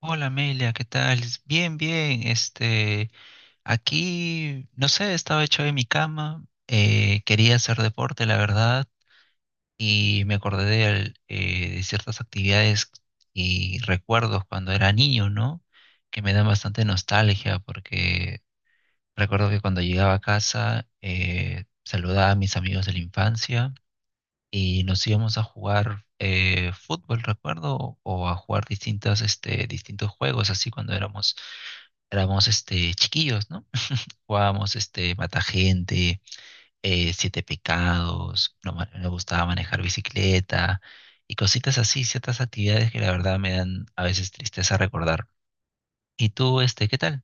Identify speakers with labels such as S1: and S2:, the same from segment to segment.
S1: Hola Amelia, ¿qué tal? Bien, bien. Aquí, no sé, estaba hecho en mi cama, quería hacer deporte, la verdad, y me acordé de ciertas actividades y recuerdos cuando era niño, ¿no? Que me dan bastante nostalgia porque recuerdo que cuando llegaba a casa, saludaba a mis amigos de la infancia y nos íbamos a jugar fútbol, recuerdo, o a jugar distintos juegos, así cuando éramos chiquillos, ¿no? Jugábamos mata gente, siete pecados, no ma- me gustaba manejar bicicleta y cositas así, ciertas actividades que la verdad me dan a veces tristeza recordar. ¿Y tú, qué tal?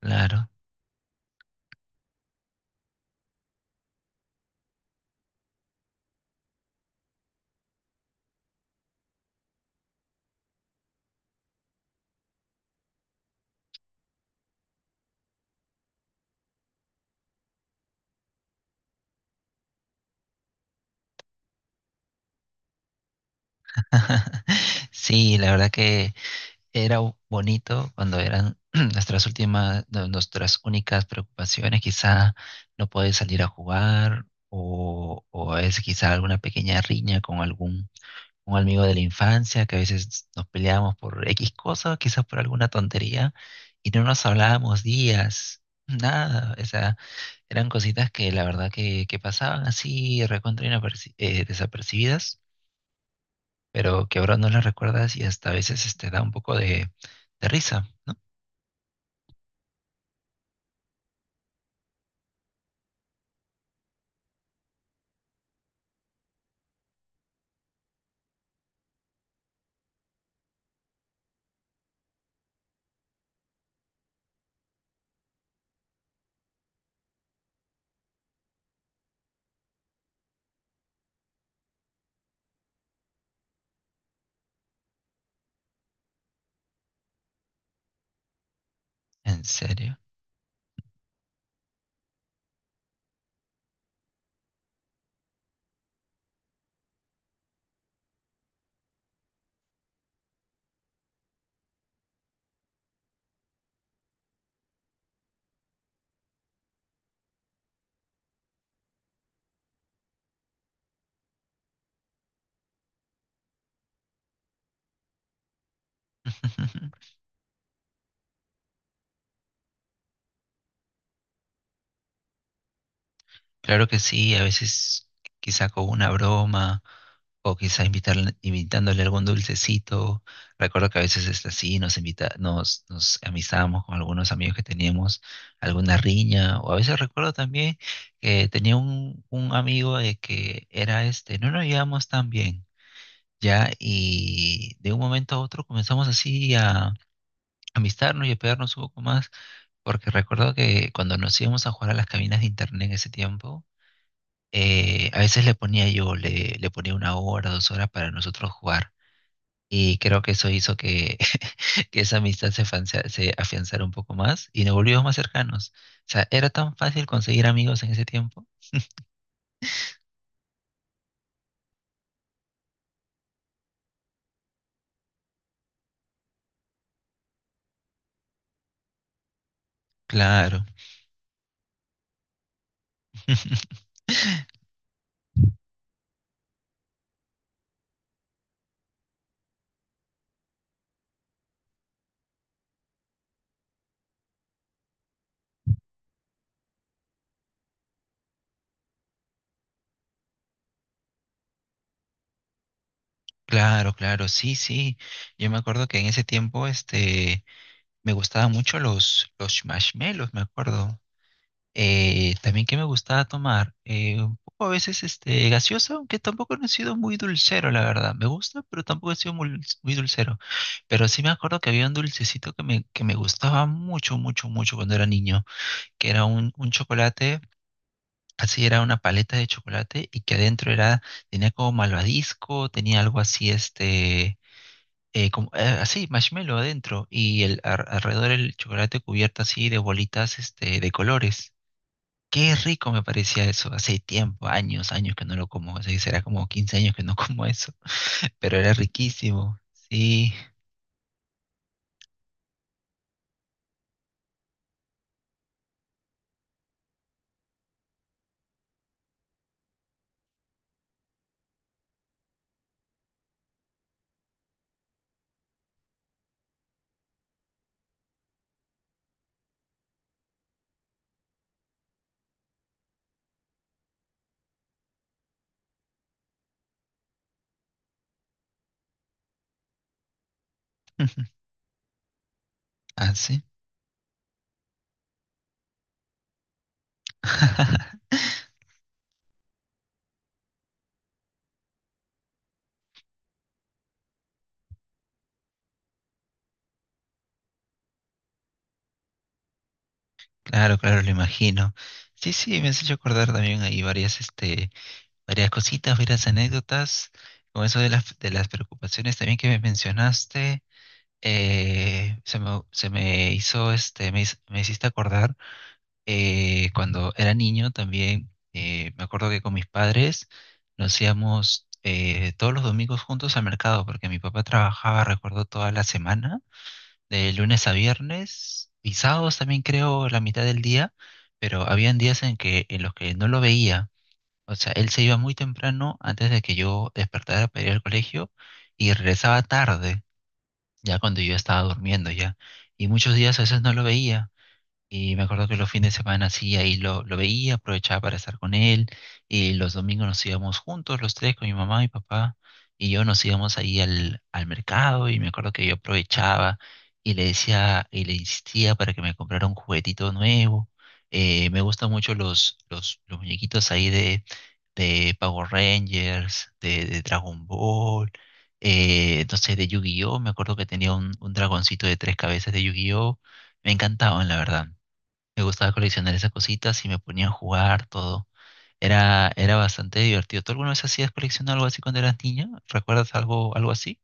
S1: Claro. Sí, la verdad que era bonito cuando eran nuestras únicas preocupaciones, quizá no poder salir a jugar o a veces quizá alguna pequeña riña con algún un amigo de la infancia, que a veces nos peleábamos por X cosas, quizás por alguna tontería, y no nos hablábamos días, nada, o sea, eran cositas que la verdad que pasaban así recontra desapercibidas, pero que ahora no las recuerdas y hasta a veces da un poco de risa. ¿En serio? Claro que sí, a veces quizá con una broma o quizá invitándole algún dulcecito. Recuerdo que a veces es así, nos amistábamos con algunos amigos que teníamos alguna riña, o a veces recuerdo también que tenía un amigo de que era no nos llevamos tan bien, ya, y de un momento a otro comenzamos así a amistarnos y a pegarnos un poco más. Porque recuerdo que cuando nos íbamos a jugar a las cabinas de internet en ese tiempo, a veces le ponía 1 hora, 2 horas para nosotros jugar. Y creo que eso hizo que, que esa amistad se afianzara un poco más y nos volvimos más cercanos. O sea, era tan fácil conseguir amigos en ese tiempo. Claro. Claro, claro, sí, sí. Yo me acuerdo que en ese tiempo, me gustaban mucho los marshmallows, me acuerdo. También que me gustaba tomar, un poco a veces gaseosa, aunque tampoco no he sido muy dulcero, la verdad. Me gusta, pero tampoco he sido muy dulcero. Pero sí me acuerdo que había un dulcecito que me gustaba mucho, mucho, mucho cuando era niño, que era un chocolate, así era una paleta de chocolate y que tenía como malvadisco, tenía algo así, como, marshmallow adentro y alrededor el chocolate cubierto así de bolitas de colores. Qué rico me parecía eso. Hace tiempo, años, años que no lo como. O sea, será como 15 años que no como eso. Pero era riquísimo. Sí. Ah, sí. Claro, claro, lo imagino. Sí, sí, me has hecho acordar también ahí varias cositas, varias anécdotas. Con eso de las preocupaciones también que me mencionaste, se me hizo, este, me, hiz- me hiciste acordar cuando era niño también me acuerdo que con mis padres nos íbamos todos los domingos juntos al mercado, porque mi papá trabajaba, recuerdo, toda la semana, de lunes a viernes, y sábados también creo la mitad del día, pero habían días en los que no lo veía. O sea, él se iba muy temprano antes de que yo despertara para ir al colegio y regresaba tarde, ya cuando yo estaba durmiendo ya. Y muchos días a veces no lo veía. Y me acuerdo que los fines de semana sí, ahí lo veía, aprovechaba para estar con él. Y los domingos nos íbamos juntos, los tres, con mi mamá, mi papá y yo nos íbamos ahí al mercado. Y me acuerdo que yo aprovechaba y le decía y le insistía para que me comprara un juguetito nuevo. Me gustan mucho los muñequitos ahí de Power Rangers, de Dragon Ball, no sé, de Yu-Gi-Oh! Me acuerdo que tenía un dragoncito de tres cabezas de Yu-Gi-Oh! Me encantaban, la verdad. Me gustaba coleccionar esas cositas y me ponía a jugar todo. Era bastante divertido. ¿Tú alguna vez hacías colección o algo así cuando eras niña? ¿Recuerdas algo, algo así?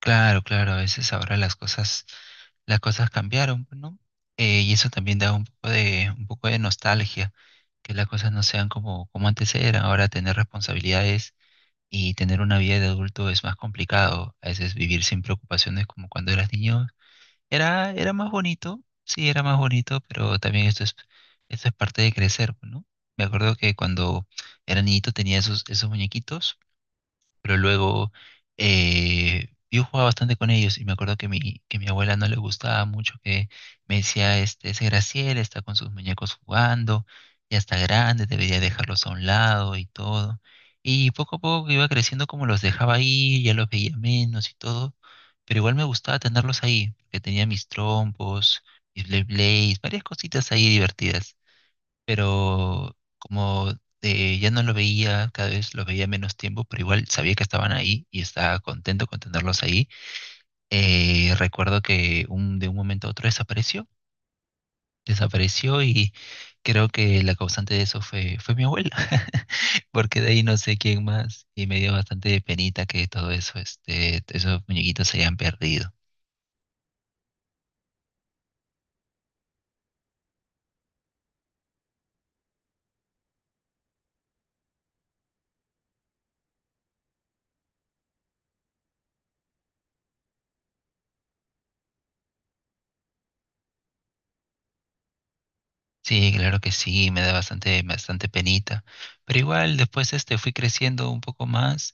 S1: Claro, claro, a veces ahora las cosas cambiaron, pues, ¿no? Y eso también da un poco de nostalgia, que las cosas no sean como antes eran. Ahora tener responsabilidades y tener una vida de adulto es más complicado. A veces vivir sin preocupaciones como cuando eras niño. Era más bonito, sí, era más bonito, pero también esto es parte de crecer, ¿no? Me acuerdo que cuando era niñito tenía esos muñequitos pero luego yo jugaba bastante con ellos y me acuerdo que mi abuela no le gustaba mucho que me decía, ese Graciel está con sus muñecos jugando, ya está grande, debería dejarlos a un lado y todo. Y poco a poco que iba creciendo como los dejaba ahí, ya los veía menos y todo, pero igual me gustaba tenerlos ahí, porque tenía mis trompos, mis Blade blades, varias cositas ahí divertidas pero como ya no lo veía, cada vez lo veía menos tiempo, pero igual sabía que estaban ahí y estaba contento con tenerlos ahí. Recuerdo que de un momento a otro desapareció, desapareció y creo que la causante de eso fue mi abuela, porque de ahí no sé quién más y me dio bastante penita que todo eso, esos muñequitos se hayan perdido. Sí, claro que sí, me da bastante, bastante penita. Pero igual después fui creciendo un poco más.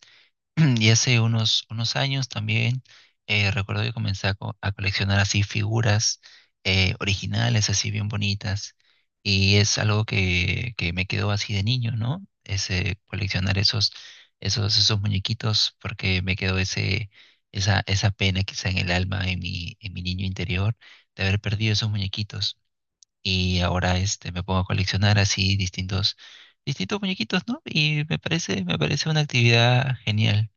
S1: Y hace unos años también recuerdo que comencé a coleccionar así figuras originales, así bien bonitas. Y es algo que me quedó así de niño, ¿no? Ese coleccionar esos muñequitos, porque me quedó esa pena quizá en el alma, en mi niño interior, de haber perdido esos muñequitos. Y ahora me pongo a coleccionar así distintos, distintos muñequitos, ¿no? Y me parece una actividad genial.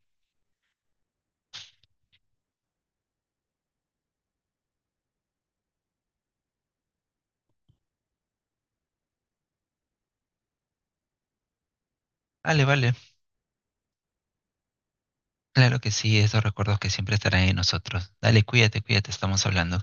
S1: Vale, vale. Claro que sí, esos recuerdos que siempre estarán en nosotros. Dale, cuídate, cuídate, estamos hablando.